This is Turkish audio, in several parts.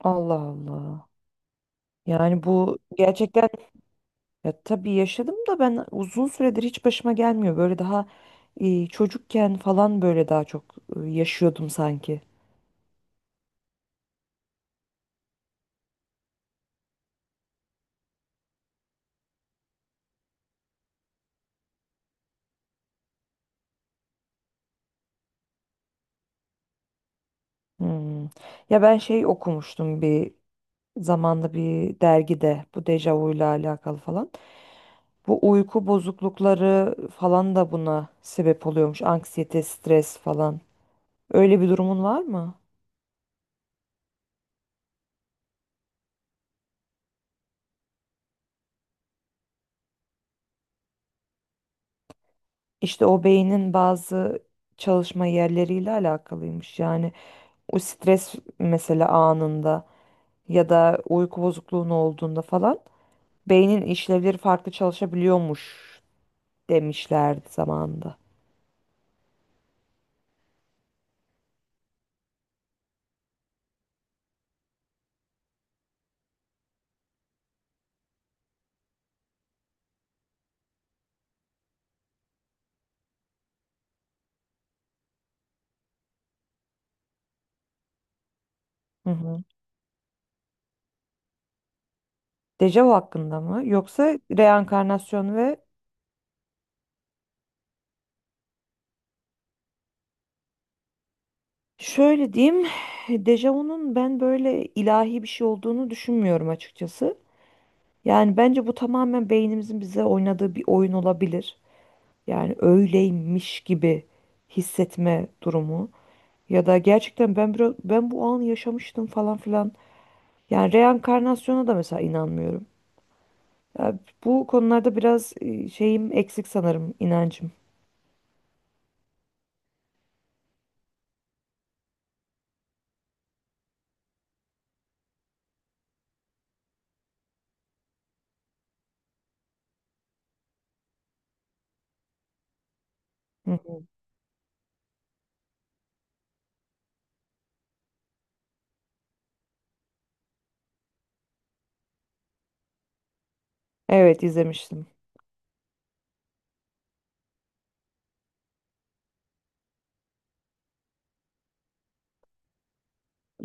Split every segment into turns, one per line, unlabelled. Allah Allah. Yani bu gerçekten ya tabii yaşadım da ben uzun süredir hiç başıma gelmiyor. Böyle daha çocukken falan böyle daha çok yaşıyordum sanki. Hmm. Ya ben şey okumuştum bir zamanda bir dergide bu dejavuyla alakalı falan. Bu uyku bozuklukları falan da buna sebep oluyormuş. Anksiyete, stres falan. Öyle bir durumun var mı? İşte o beynin bazı çalışma yerleriyle alakalıymış. Yani o stres mesela anında ya da uyku bozukluğun olduğunda falan beynin işlevleri farklı çalışabiliyormuş demişlerdi zamanında. Hı hı. Dejavu hakkında mı yoksa reenkarnasyon ve şöyle diyeyim dejavunun ben böyle ilahi bir şey olduğunu düşünmüyorum açıkçası. Yani bence bu tamamen beynimizin bize oynadığı bir oyun olabilir. Yani öyleymiş gibi hissetme durumu ya da gerçekten ben biraz ben bu anı yaşamıştım falan filan. Yani reenkarnasyona da mesela inanmıyorum. Ya bu konularda biraz şeyim eksik sanırım inancım. Hı hı. Evet, izlemiştim.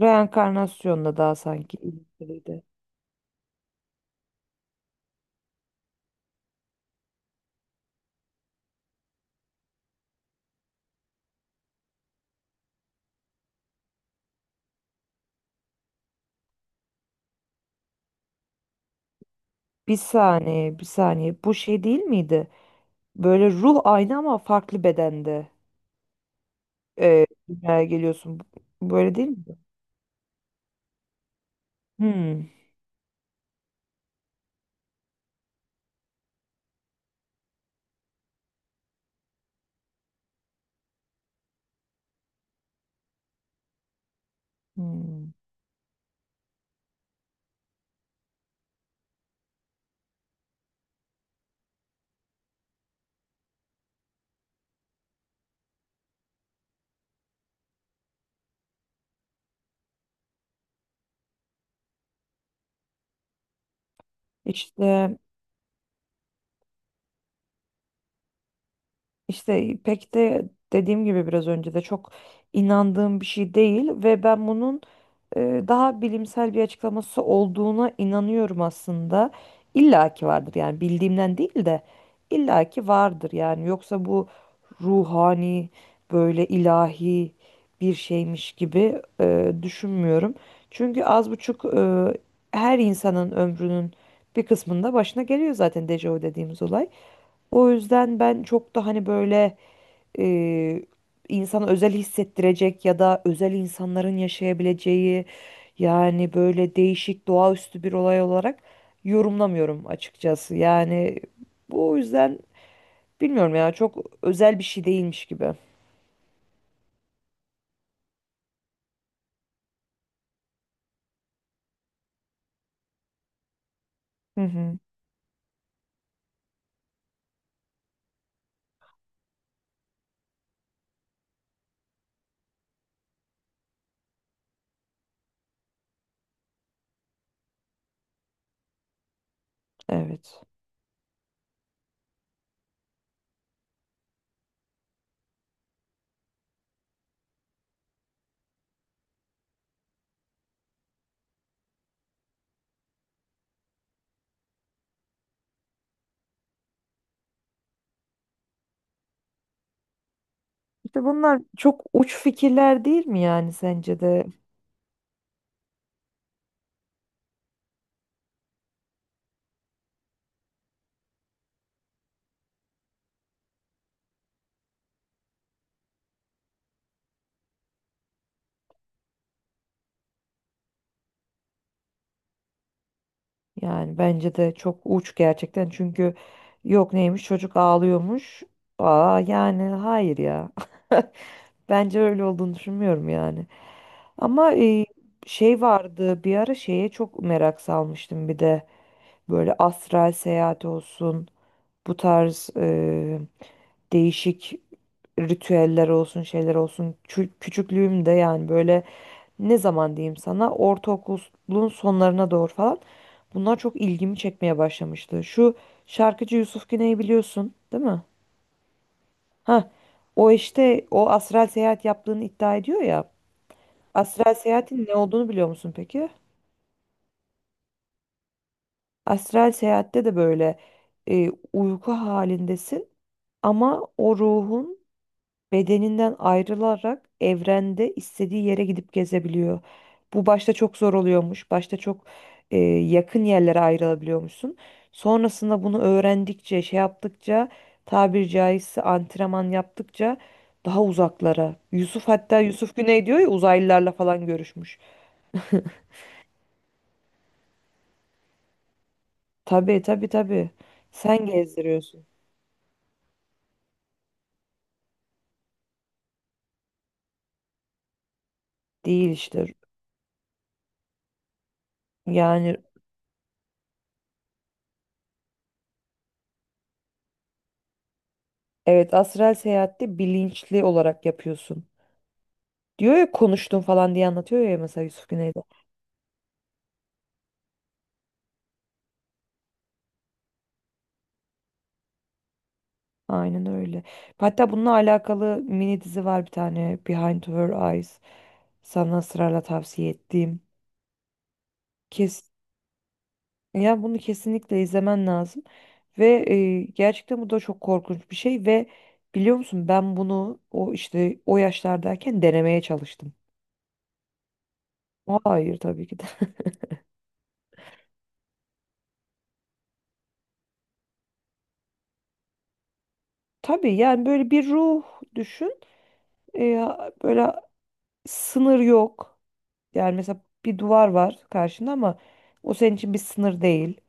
Reenkarnasyonla daha sanki ilgiliydi. Bir saniye, bir saniye. Bu şey değil miydi? Böyle ruh aynı ama farklı bedende dünyaya geliyorsun. Böyle değil mi? Hmm. Hmm. İşte İşte pek de dediğim gibi biraz önce de çok inandığım bir şey değil ve ben bunun daha bilimsel bir açıklaması olduğuna inanıyorum aslında. İlla ki vardır yani bildiğimden değil de illa ki vardır yani yoksa bu ruhani böyle ilahi bir şeymiş gibi düşünmüyorum. Çünkü az buçuk her insanın ömrünün bir kısmında başına geliyor zaten dejavu dediğimiz olay. O yüzden ben çok da hani böyle e, insana özel hissettirecek ya da özel insanların yaşayabileceği yani böyle değişik doğaüstü bir olay olarak yorumlamıyorum açıkçası. Yani bu o yüzden bilmiyorum ya çok özel bir şey değilmiş gibi. Hı hı, evet. İşte bunlar çok uç fikirler değil mi yani sence de? Yani bence de çok uç gerçekten çünkü yok neymiş çocuk ağlıyormuş. Aa yani hayır ya. Bence öyle olduğunu düşünmüyorum yani. Ama şey vardı bir ara şeye çok merak salmıştım bir de böyle astral seyahat olsun bu tarz değişik ritüeller olsun şeyler olsun küçüklüğümde yani böyle ne zaman diyeyim sana ortaokulun sonlarına doğru falan bunlar çok ilgimi çekmeye başlamıştı. Şu şarkıcı Yusuf Güney'i biliyorsun değil mi? Ha, o işte o astral seyahat yaptığını iddia ediyor ya. Astral seyahatin ne olduğunu biliyor musun peki? Astral seyahatte de böyle uyku halindesin ama o ruhun bedeninden ayrılarak evrende istediği yere gidip gezebiliyor. Bu başta çok zor oluyormuş. Başta çok yakın yerlere ayrılabiliyormuşsun. Sonrasında bunu öğrendikçe, şey yaptıkça, tabiri caizse antrenman yaptıkça daha uzaklara. Yusuf hatta Yusuf Güney diyor ya uzaylılarla falan görüşmüş. Tabii, tabii, tabii. Sen gezdiriyorsun. Değil işte. Yani evet, astral seyahatte bilinçli olarak yapıyorsun. Diyor ya konuştum falan diye anlatıyor ya mesela Yusuf Güney'de. Aynen öyle. Hatta bununla alakalı mini dizi var bir tane, Behind Her Eyes. Sana ısrarla tavsiye ettiğim. Kes yani bunu kesinlikle izlemen lazım. Ve gerçekten bu da çok korkunç bir şey ve biliyor musun ben bunu o işte o yaşlardayken denemeye çalıştım. Hayır, tabii ki de. Tabii yani böyle bir ruh düşün. E, Böyle sınır yok. Yani mesela bir duvar var karşında ama o senin için bir sınır değil.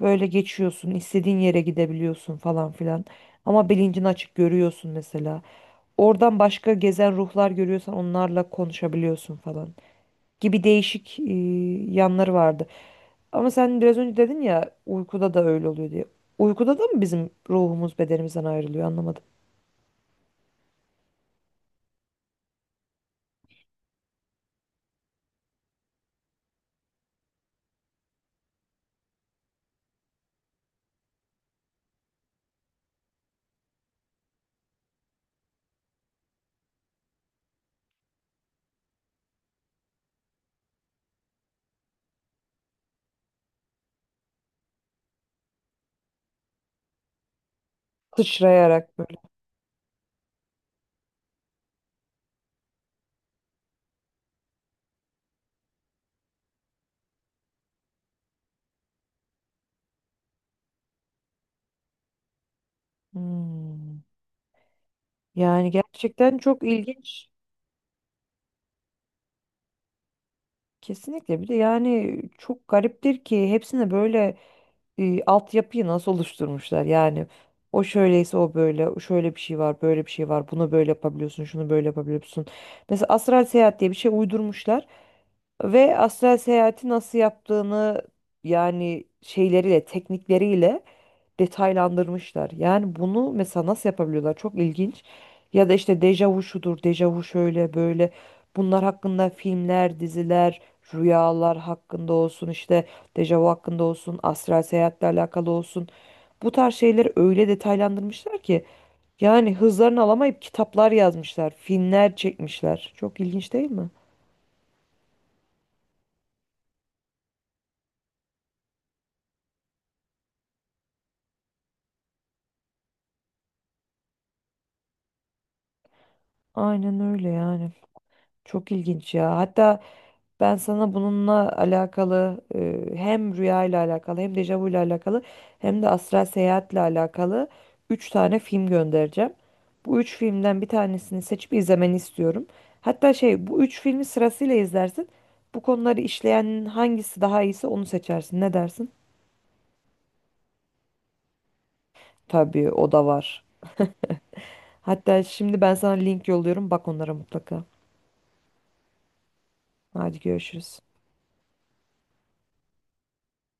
Böyle geçiyorsun, istediğin yere gidebiliyorsun falan filan. Ama bilincin açık, görüyorsun mesela. Oradan başka gezen ruhlar görüyorsan onlarla konuşabiliyorsun falan. Gibi değişik yanları vardı. Ama sen biraz önce dedin ya uykuda da öyle oluyor diye. Uykuda da mı bizim ruhumuz bedenimizden ayrılıyor, anlamadım. Sıçrayarak böyle. Hmm. Yani gerçekten çok ilginç. Kesinlikle, bir de yani çok gariptir ki hepsine böyle altyapıyı nasıl oluşturmuşlar, yani o şöyleyse o böyle, o şöyle bir şey var, böyle bir şey var, bunu böyle yapabiliyorsun, şunu böyle yapabiliyorsun, mesela astral seyahat diye bir şey uydurmuşlar ve astral seyahati nasıl yaptığını yani şeyleriyle, teknikleriyle detaylandırmışlar. Yani bunu mesela nasıl yapabiliyorlar? Çok ilginç. Ya da işte dejavu şudur, dejavu şöyle böyle. Bunlar hakkında filmler, diziler, rüyalar hakkında olsun, işte dejavu hakkında olsun, astral seyahatle alakalı olsun. Bu tarz şeyleri öyle detaylandırmışlar ki yani hızlarını alamayıp kitaplar yazmışlar, filmler çekmişler. Çok ilginç değil mi? Aynen öyle yani. Çok ilginç ya. Hatta ben sana bununla alakalı hem rüya ile alakalı hem dejavu ile alakalı hem de astral seyahatle alakalı 3 tane film göndereceğim. Bu 3 filmden bir tanesini seçip izlemeni istiyorum. Hatta şey, bu 3 filmi sırasıyla izlersin. Bu konuları işleyen hangisi daha iyiyse onu seçersin. Ne dersin? Tabii, o da var. Hatta şimdi ben sana link yolluyorum. Bak onlara mutlaka. Hadi, görüşürüz.